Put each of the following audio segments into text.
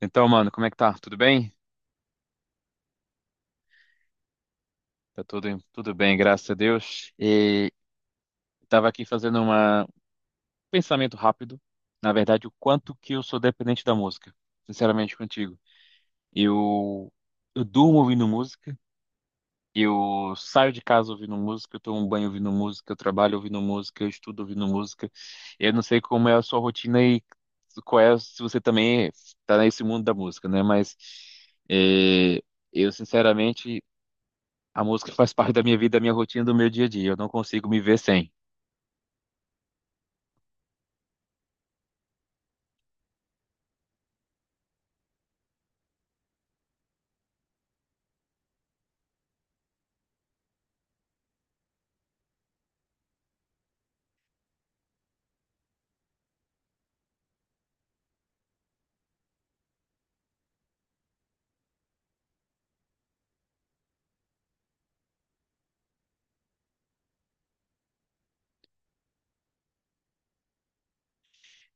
Então, mano, como é que tá? Tudo bem? Tá tudo bem, graças a Deus. E tava aqui fazendo um pensamento rápido. Na verdade, o quanto que eu sou dependente da música, sinceramente contigo. Eu, eu durmo ouvindo música, eu saio de casa ouvindo música, eu tomo um banho ouvindo música, eu trabalho ouvindo música, eu estudo ouvindo música. Eu não sei como é a sua rotina e qual é, se você também tá nesse mundo da música, né? Mas eh, eu, sinceramente. A música faz parte da minha vida, da minha rotina, do meu dia a dia. Eu não consigo me ver sem.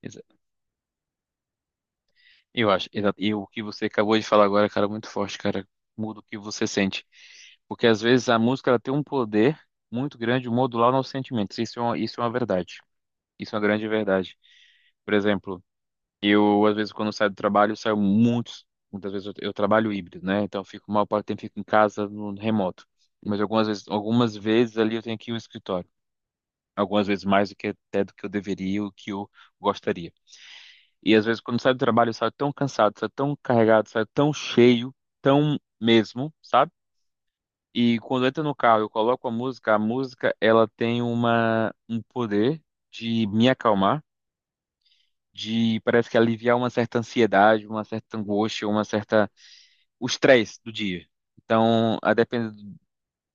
Exa- Eu acho, e o que você acabou de falar agora, cara, é muito forte, cara. Muda o que você sente. Porque às vezes a música ela tem um poder muito grande de modular nossos sentimentos. Isso é uma verdade. Isso é uma grande verdade. Por exemplo, eu, às vezes, quando saio do trabalho, saio muitos. Muitas vezes eu trabalho híbrido, né? Então, eu fico, mal parte do tempo fico em casa, no remoto. Mas algumas vezes ali eu tenho que ir ao escritório. Algumas vezes mais do que até do que eu deveria, o que eu gostaria. E às vezes, quando saio do trabalho, eu saio tão cansado, saio tão carregado, saio tão cheio, tão mesmo, sabe? E quando eu entro no carro, eu coloco a música, ela tem um poder de me acalmar, de parece que aliviar uma certa ansiedade, uma certa angústia, uma certa o estresse do dia. Então, a depender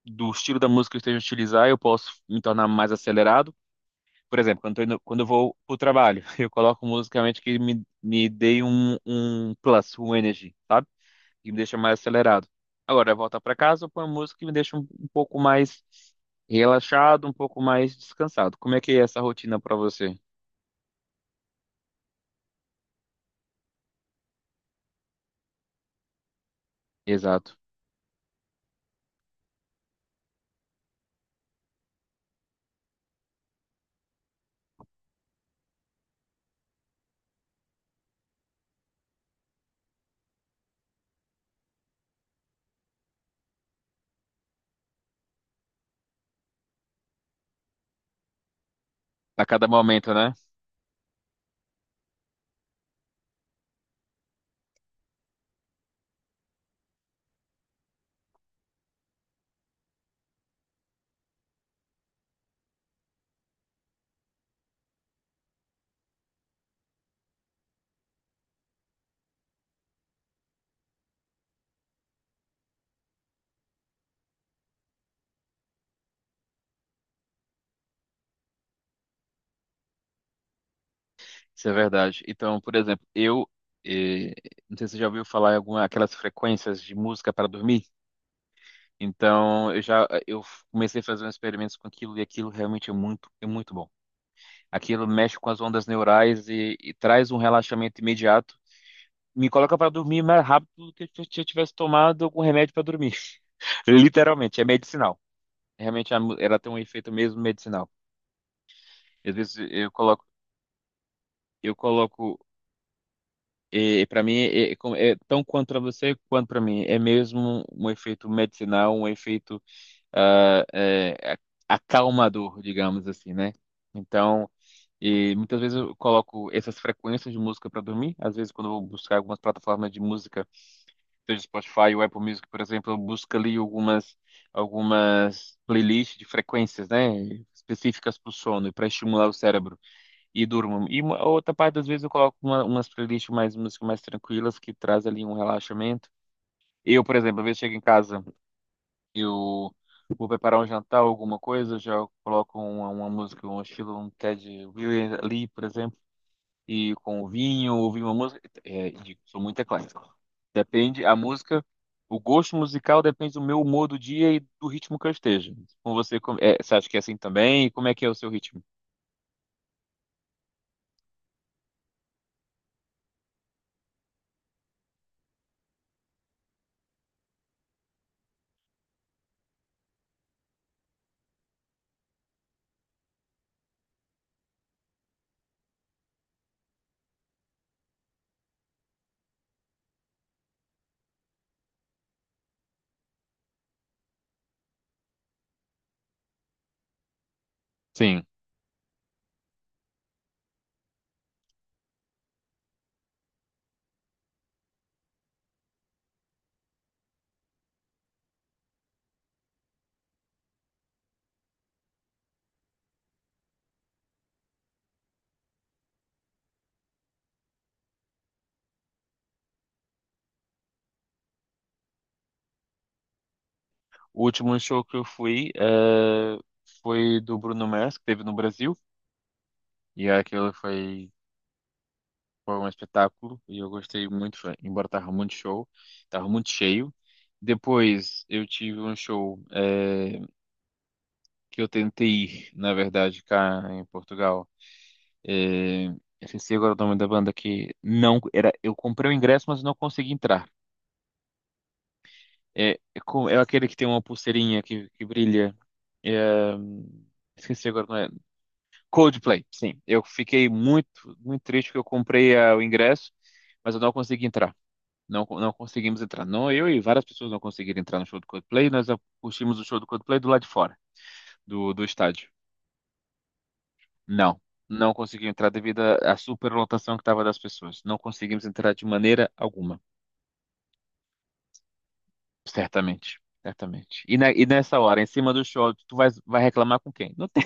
do estilo da música que eu esteja a utilizar, eu posso me tornar mais acelerado. Por exemplo, quando eu vou pro trabalho, eu coloco musicalmente que me dê um plus, um energy, sabe? Que me deixa mais acelerado. Agora, voltar para casa, eu ponho música que me deixa um pouco mais relaxado, um pouco mais descansado. Como é que é essa rotina para você? Exato. A cada momento, né? Isso é verdade. Então, por exemplo, eh, não sei se você já ouviu falar em alguma aquelas frequências de música para dormir. Então, eu comecei a fazer uns experimentos com aquilo e aquilo realmente é muito bom. Aquilo mexe com as ondas neurais e traz um relaxamento imediato. Me coloca para dormir mais rápido do que se eu tivesse tomado algum remédio para dormir. Literalmente, é medicinal. Realmente ela tem um efeito mesmo medicinal. Às vezes eu coloco. E para mim, é tão quanto para você quanto para mim, é mesmo um efeito medicinal, um efeito ah, é, acalmador, digamos assim, né? Então, e muitas vezes eu coloco essas frequências de música para dormir. Às vezes, quando eu vou buscar algumas plataformas de música, seja Spotify ou Apple Music, por exemplo, eu busco ali algumas playlists de frequências, né, específicas para o sono e para estimular o cérebro e durmo. E outra parte das vezes eu coloco umas playlists mais músicas mais tranquilas que traz ali um relaxamento. Eu, por exemplo, às vezes chego em casa, eu vou preparar um jantar, alguma coisa, eu já coloco uma música, um estilo, um Ted Williams ali, por exemplo, e com o vinho, ouvir uma música. É, digo, sou muito eclético. Depende, a música, o gosto musical depende do meu humor do dia e do ritmo que eu esteja. Com você, é, você acha que é assim também? E como é que é o seu ritmo? Sim. O último show que eu fui foi do Bruno Mars, que teve no Brasil, e aquele foi um espetáculo, e eu gostei muito, embora tava muito show, tava muito cheio. Depois eu tive um show que eu tentei ir, na verdade, cá em Portugal. Eu esqueci agora o nome da banda que não era. Eu comprei o ingresso, mas não consegui entrar. É aquele que tem uma pulseirinha que brilha. É, esqueci agora. Coldplay, sim. Eu fiquei muito, muito triste que eu comprei o ingresso, mas eu não consegui entrar. Não, não conseguimos entrar. Não, eu e várias pessoas não conseguiram entrar no show do Coldplay. Nós assistimos o show do Coldplay do lado de fora, do estádio. Não, não consegui entrar devido à superlotação que estava das pessoas. Não conseguimos entrar de maneira alguma, certamente. Certamente. E, nessa hora, em cima do show, tu vai reclamar com quem? Não tem.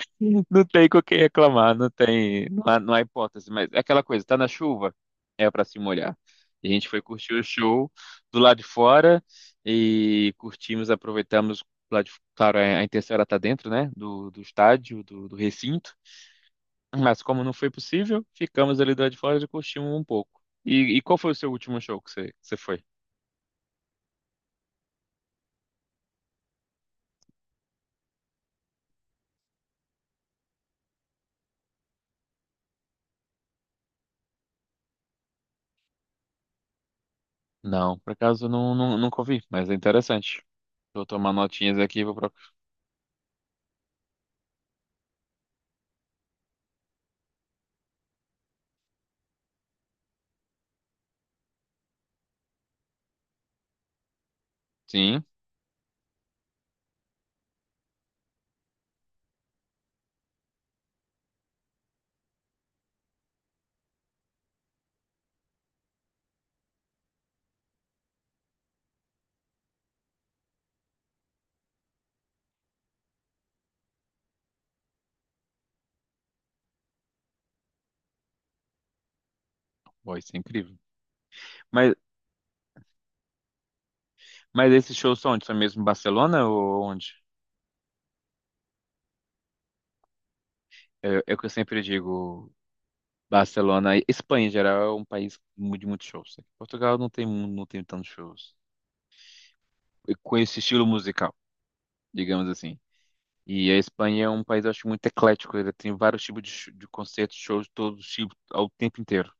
Não tem com quem reclamar, não tem, não há hipótese, mas é aquela coisa, tá na chuva, é pra se molhar. E a gente foi curtir o show do lado de fora e curtimos, aproveitamos, lá de, claro, a intenção era estar dentro, né, do estádio, do recinto, mas como não foi possível, ficamos ali do lado de fora e curtimos um pouco. E, qual foi o seu último show que você foi? Não, por acaso não, não, nunca ouvi, mas é interessante. Vou tomar notinhas aqui, vou procurar. Sim, foi, isso é incrível. Mas esses shows são onde? São mesmo em Barcelona ou onde? É o que eu sempre digo, Barcelona. Espanha, em geral, é um país de muitos shows. Portugal não tem tantos shows. E com esse estilo musical, digamos assim. E a Espanha é um país, eu acho, muito eclético. Ele tem vários tipos de concertos, shows de todos os tipos, ao tempo inteiro.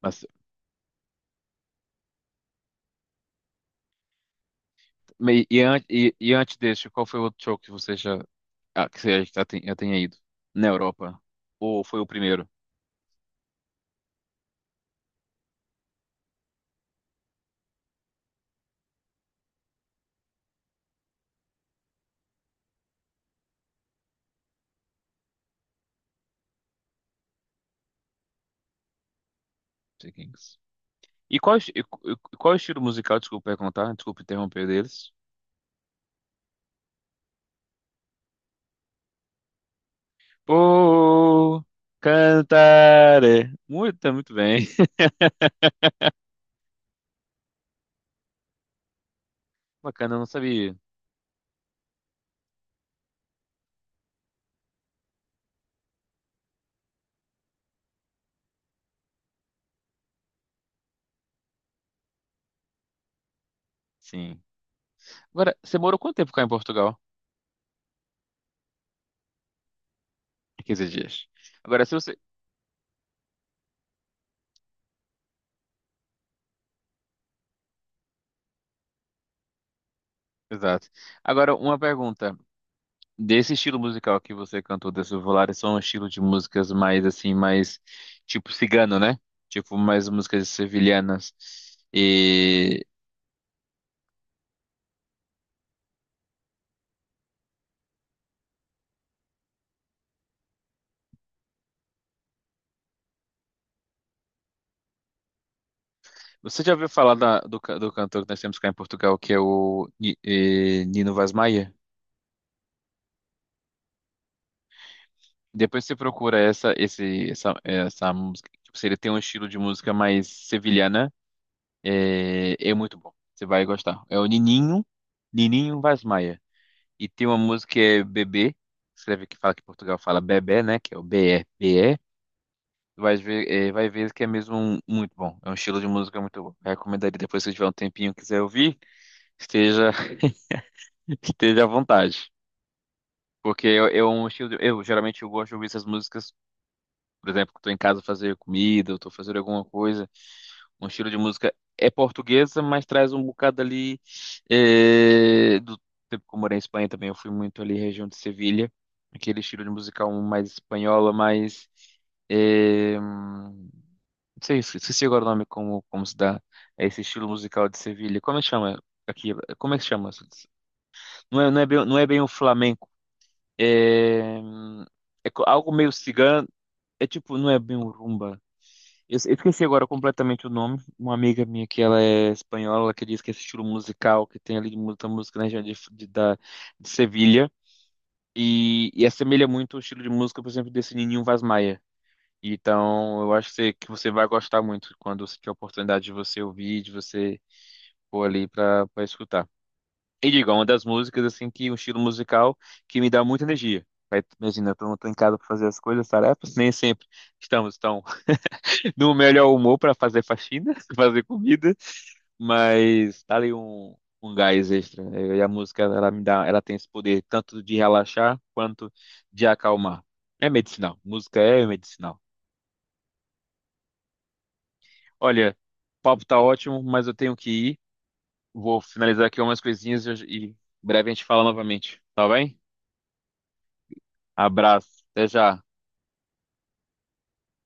Mas, e antes desse, qual foi o outro show que você já, já tenha ido? Na Europa? Ou foi o primeiro? Não sei quem. E qual, esti- e qu- e qual é o estilo musical, desculpa perguntar, desculpa interromper deles. Oh, cantare. Muito, tá muito bem. Bacana, eu não sabia. Sim. Agora, você morou quanto tempo cá em Portugal? 15 dias. Agora, se você... Exato. Agora, uma pergunta. Desse estilo musical que você cantou, desse Volaris, são um estilo de músicas mais, assim, mais. Tipo cigano, né? Tipo, mais músicas sevilhanas. e Você já ouviu falar do cantor que nós temos cá em Portugal, que é o Nino Vaz Maia? Depois você procura essa música. Tipo, se ele tem um estilo de música mais sevilhana, é muito bom. Você vai gostar. É o Nininho Vaz Maia. E tem uma música que é Bebê, escreve que fala que Portugal fala Bebê, né? Que é o Bebê. Vai ver, vai ver que é mesmo muito bom. É um estilo de música muito bom. Recomendaria depois se tiver um tempinho e quiser ouvir, esteja, esteja à vontade. Porque eu, é um estilo de- eu geralmente eu gosto de ouvir essas músicas, por exemplo, que eu tô em casa fazer comida, eu tô fazendo alguma coisa. Um estilo de música é portuguesa, mas traz um bocado ali do tempo que eu morei em Espanha também, eu fui muito ali região de Sevilha, aquele estilo de musical mais espanhola, mais eh, hum, não sei, esqueci agora o nome como se dá é esse estilo musical de Sevilha. Como é que chama? Aqui, como é que chama? Não é bem o flamenco, é, algo meio cigano. É tipo, não é bem um rumba. Eu esqueci agora completamente o nome. Uma amiga minha que ela é espanhola, ela que diz que esse estilo musical que tem ali de muita música na região de Sevilha. E, assemelha muito o estilo de música, por exemplo, desse Ninho Vaz Maia. Então, eu acho que você vai gostar muito quando você tiver a oportunidade de você ouvir, de você pôr ali para pra escutar. E digo, é uma das músicas, assim, que um estilo musical que me dá muita energia. Aí, imagina, eu não tô em casa pra fazer as coisas, as tarefas, nem sempre estamos tão no melhor humor pra fazer faxina, fazer comida, mas tá ali um gás extra. E a música, ela me dá, ela tem esse poder tanto de relaxar quanto de acalmar. É medicinal, música é medicinal. Olha, o papo tá ótimo, mas eu tenho que ir. Vou finalizar aqui umas coisinhas e breve a gente fala novamente, tá bem? Abraço, até já.